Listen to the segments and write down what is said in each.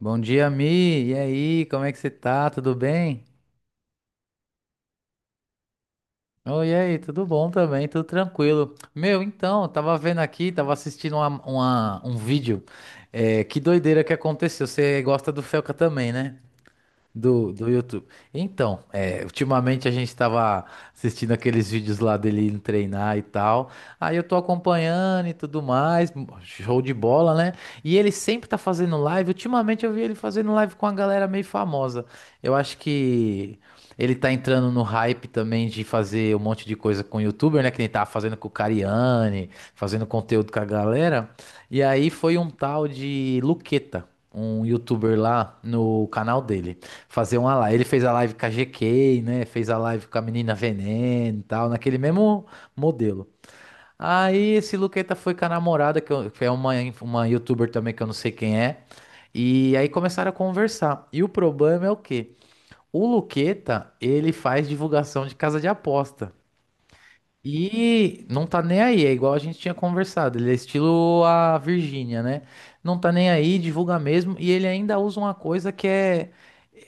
Bom dia, Mi. E aí, como é que você tá? Tudo bem? Oi, e aí, tudo bom também, tudo tranquilo. Meu, então, eu tava vendo aqui, tava assistindo um vídeo. É, que doideira que aconteceu. Você gosta do Felca também, né? Do YouTube. Então, é, ultimamente a gente estava assistindo aqueles vídeos lá dele indo treinar e tal. Aí eu tô acompanhando e tudo mais, show de bola, né? E ele sempre tá fazendo live. Ultimamente eu vi ele fazendo live com a galera meio famosa. Eu acho que ele tá entrando no hype também de fazer um monte de coisa com YouTuber, né? Que ele tava fazendo com o Cariani, fazendo conteúdo com a galera. E aí foi um tal de Luqueta, um YouTuber lá no canal dele fazer uma live. Ele fez a live com a GK, né? Fez a live com a menina Veneno e tal, naquele mesmo modelo. Aí esse Luqueta foi com a namorada, que é uma youtuber também que eu não sei quem é. E aí começaram a conversar. E o problema é o quê? O Luqueta, ele faz divulgação de casa de aposta. E não tá nem aí, é igual a gente tinha conversado. Ele é estilo a Virgínia, né? Não tá nem aí, divulga mesmo. E ele ainda usa uma coisa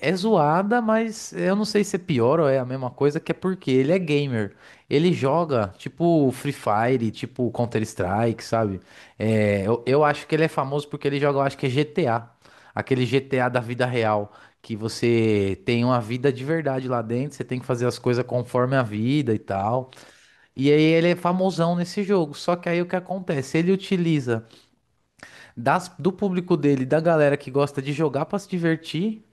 é zoada, mas eu não sei se é pior ou é a mesma coisa, que é porque ele é gamer. Ele joga tipo Free Fire, tipo Counter-Strike, sabe? É, eu acho que ele é famoso porque ele joga, eu acho que é GTA. Aquele GTA da vida real. Que você tem uma vida de verdade lá dentro, você tem que fazer as coisas conforme a vida e tal. E aí ele é famosão nesse jogo. Só que aí o que acontece? Ele utiliza do público dele, da galera que gosta de jogar pra se divertir,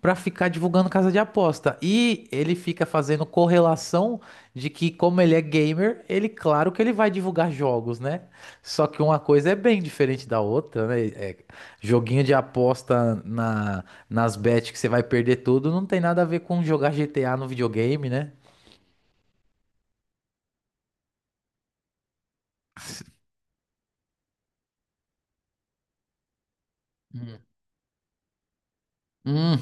pra ficar divulgando casa de aposta. E ele fica fazendo correlação de que como ele é gamer, ele claro que ele vai divulgar jogos, né? Só que uma coisa é bem diferente da outra, né? É, joguinho de aposta nas bets que você vai perder tudo, não tem nada a ver com jogar GTA no videogame, né? Hum. Hum.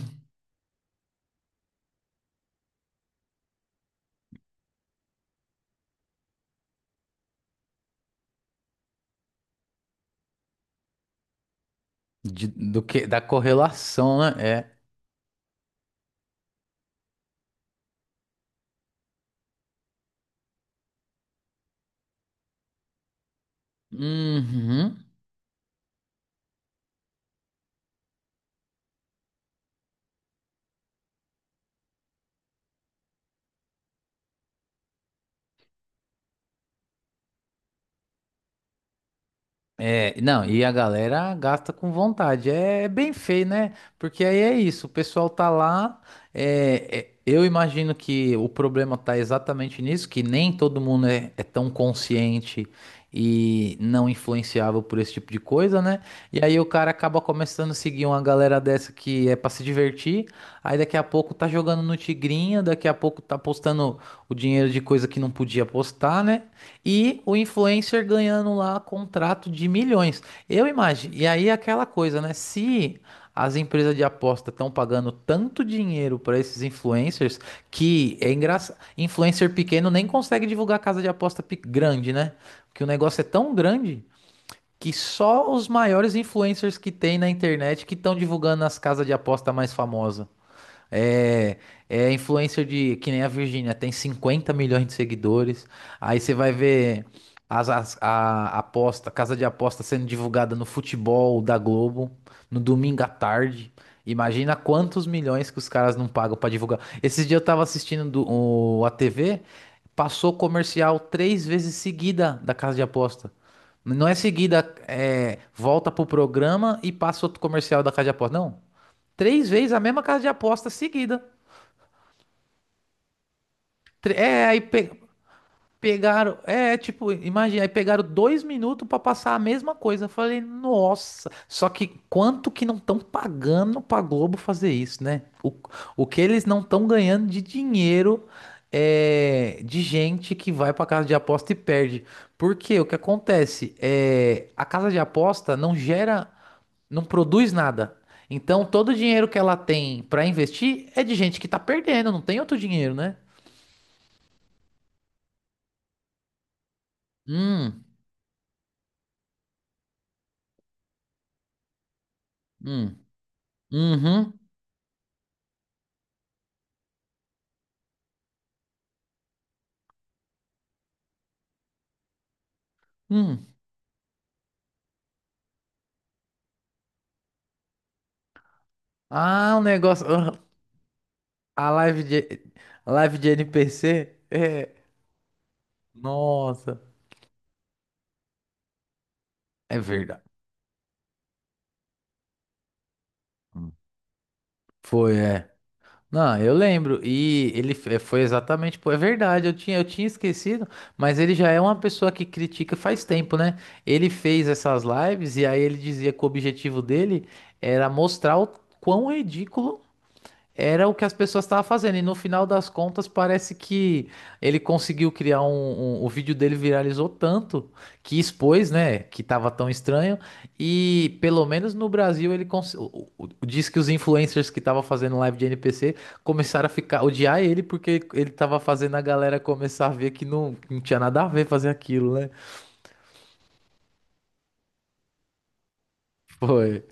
Do que, da correlação, né? É. Uhum. É, não, e a galera gasta com vontade. É bem feio, né? Porque aí é isso, o pessoal tá lá. Eu imagino que o problema tá exatamente nisso, que nem todo mundo é tão consciente e não influenciável por esse tipo de coisa, né? E aí o cara acaba começando a seguir uma galera dessa que é pra se divertir. Aí daqui a pouco tá jogando no Tigrinha, daqui a pouco tá postando o dinheiro de coisa que não podia postar, né? E o influencer ganhando lá contrato de milhões. Eu imagino. E aí é aquela coisa, né? Se as empresas de aposta estão pagando tanto dinheiro para esses influencers que é engraçado. Influencer pequeno nem consegue divulgar casa de aposta grande, né? Porque o negócio é tão grande que só os maiores influencers que tem na internet que estão divulgando as casas de aposta mais famosas. É, é influencer de, que nem a Virgínia, tem 50 milhões de seguidores. Aí você vai ver a aposta, casa de aposta sendo divulgada no futebol da Globo, no domingo à tarde. Imagina quantos milhões que os caras não pagam pra divulgar. Esses dias eu tava assistindo a TV, passou comercial três vezes seguida da casa de aposta. Não é seguida, é, volta pro programa e passa outro comercial da casa de aposta. Não. Três vezes a mesma casa de aposta seguida. Tre- É, aí pe- Pegaram, é, tipo, imagina, aí pegaram 2 minutos pra passar a mesma coisa. Eu falei, nossa, só que quanto que não estão pagando pra Globo fazer isso, né? O que eles não estão ganhando de dinheiro é de gente que vai pra casa de aposta e perde. Porque o que acontece é a casa de aposta não gera, não produz nada. Então todo o dinheiro que ela tem pra investir é de gente que tá perdendo, não tem outro dinheiro, né? Hum, hum, uhum. Hum. Ah, um negócio. Ah, A live de, a live de NPC? É. Nossa. É verdade. Foi, é. Não, eu lembro. E ele foi exatamente. Pô, é verdade, eu tinha esquecido, mas ele já é uma pessoa que critica faz tempo, né? Ele fez essas lives e aí ele dizia que o objetivo dele era mostrar o quão ridículo era o que as pessoas estavam fazendo, e no final das contas parece que ele conseguiu criar o vídeo dele viralizou tanto que expôs, né? Que tava tão estranho. E pelo menos no Brasil ele cons... o- diz que os influencers que estavam fazendo live de NPC começaram a ficar odiar ele porque ele tava fazendo a galera começar a ver que não tinha nada a ver fazer aquilo, né? Foi.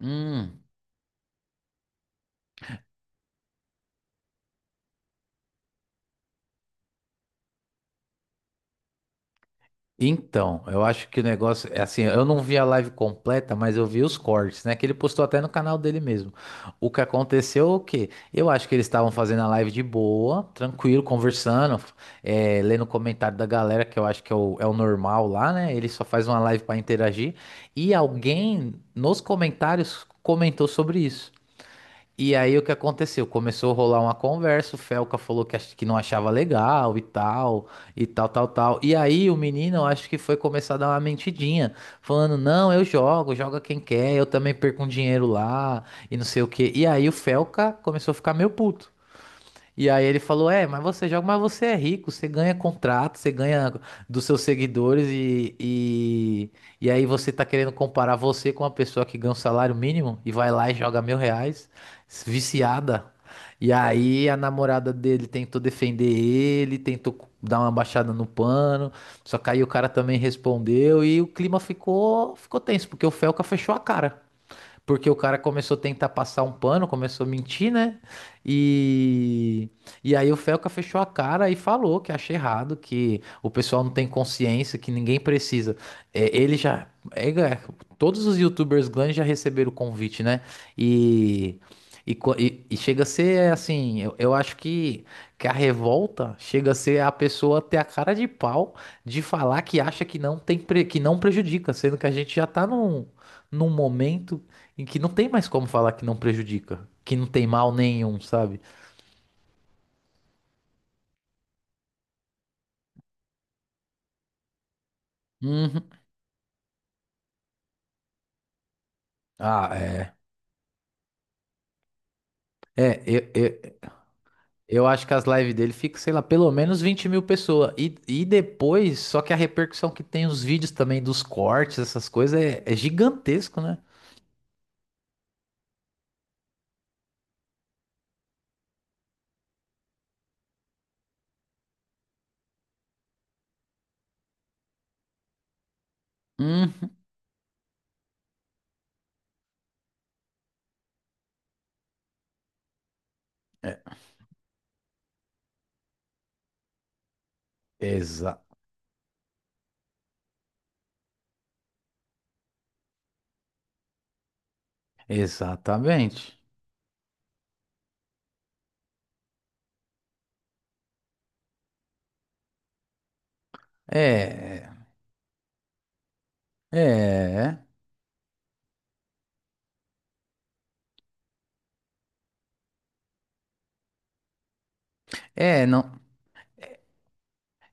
Hum. Então, eu acho que o negócio é assim, eu não vi a live completa, mas eu vi os cortes, né? Que ele postou até no canal dele mesmo. O que aconteceu, é o quê? Eu acho que eles estavam fazendo a live de boa, tranquilo, conversando, lendo o comentário da galera, que eu acho que é o normal lá, né? Ele só faz uma live para interagir. E alguém nos comentários comentou sobre isso. E aí o que aconteceu? Começou a rolar uma conversa, o Felca falou que não achava legal e tal, tal, tal. E aí o menino, eu acho que foi começar a dar uma mentidinha, falando, não, eu jogo, joga quem quer, eu também perco um dinheiro lá, e não sei o quê. E aí o Felca começou a ficar meio puto. E aí ele falou: É, mas você joga, mas você é rico, você ganha contrato, você ganha dos seus seguidores e aí você tá querendo comparar você com uma pessoa que ganha um salário mínimo e vai lá e joga R$ 1.000, viciada. E aí a namorada dele tentou defender ele, tentou dar uma baixada no pano, só que aí o cara também respondeu e o clima ficou tenso, porque o Felca fechou a cara. Porque o cara começou a tentar passar um pano, começou a mentir, né? E, e aí o Felca fechou a cara e falou que acha errado, que o pessoal não tem consciência, que ninguém precisa. É, ele já. Todos os youtubers grandes já receberam o convite, né? E. e chega a ser assim, eu acho que a revolta chega a ser a pessoa ter a cara de pau de falar que acha que não tem que não prejudica, sendo que a gente já tá num momento em que não tem mais como falar que não prejudica, que não tem mal nenhum, sabe? Uhum. Ah, é. É, eu acho que as lives dele ficam, sei lá, pelo menos 20 mil pessoas. E depois, só que a repercussão que tem os vídeos também dos cortes, essas coisas, é gigantesco, né? Uhum. É, exa exatamente. É, é, é, não,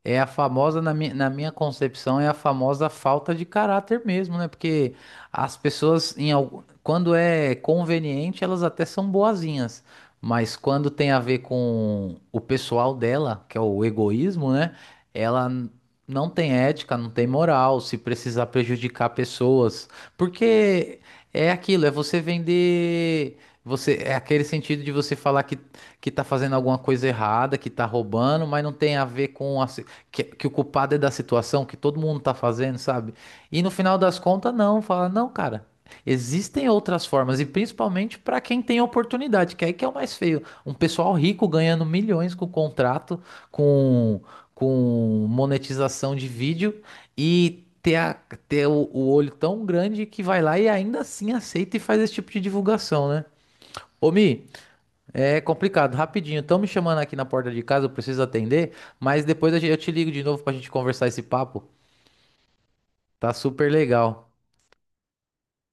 É a famosa, na minha concepção, é a famosa falta de caráter mesmo, né? Porque as pessoas, quando é conveniente, elas até são boazinhas, mas quando tem a ver com o pessoal dela, que é o egoísmo, né? Ela n- não tem ética, não tem moral, se precisar prejudicar pessoas. Porque é aquilo, é você vender. Você, é aquele sentido de você falar que tá fazendo alguma coisa errada, que tá roubando, mas não tem a ver que o culpado é da situação, que todo mundo tá fazendo, sabe? E no final das contas, não, fala, não, cara, existem outras formas, e principalmente para quem tem oportunidade, que aí que é o mais feio. Um pessoal rico ganhando milhões com contrato, com, com monetização de vídeo, e ter o olho tão grande que vai lá e ainda assim aceita e faz esse tipo de divulgação, né? Ô, Mi, é complicado, rapidinho. Estão me chamando aqui na porta de casa, eu preciso atender, mas depois eu te ligo de novo pra gente conversar esse papo. Tá super legal.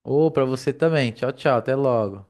Ô, pra você também. Tchau, tchau. Até logo.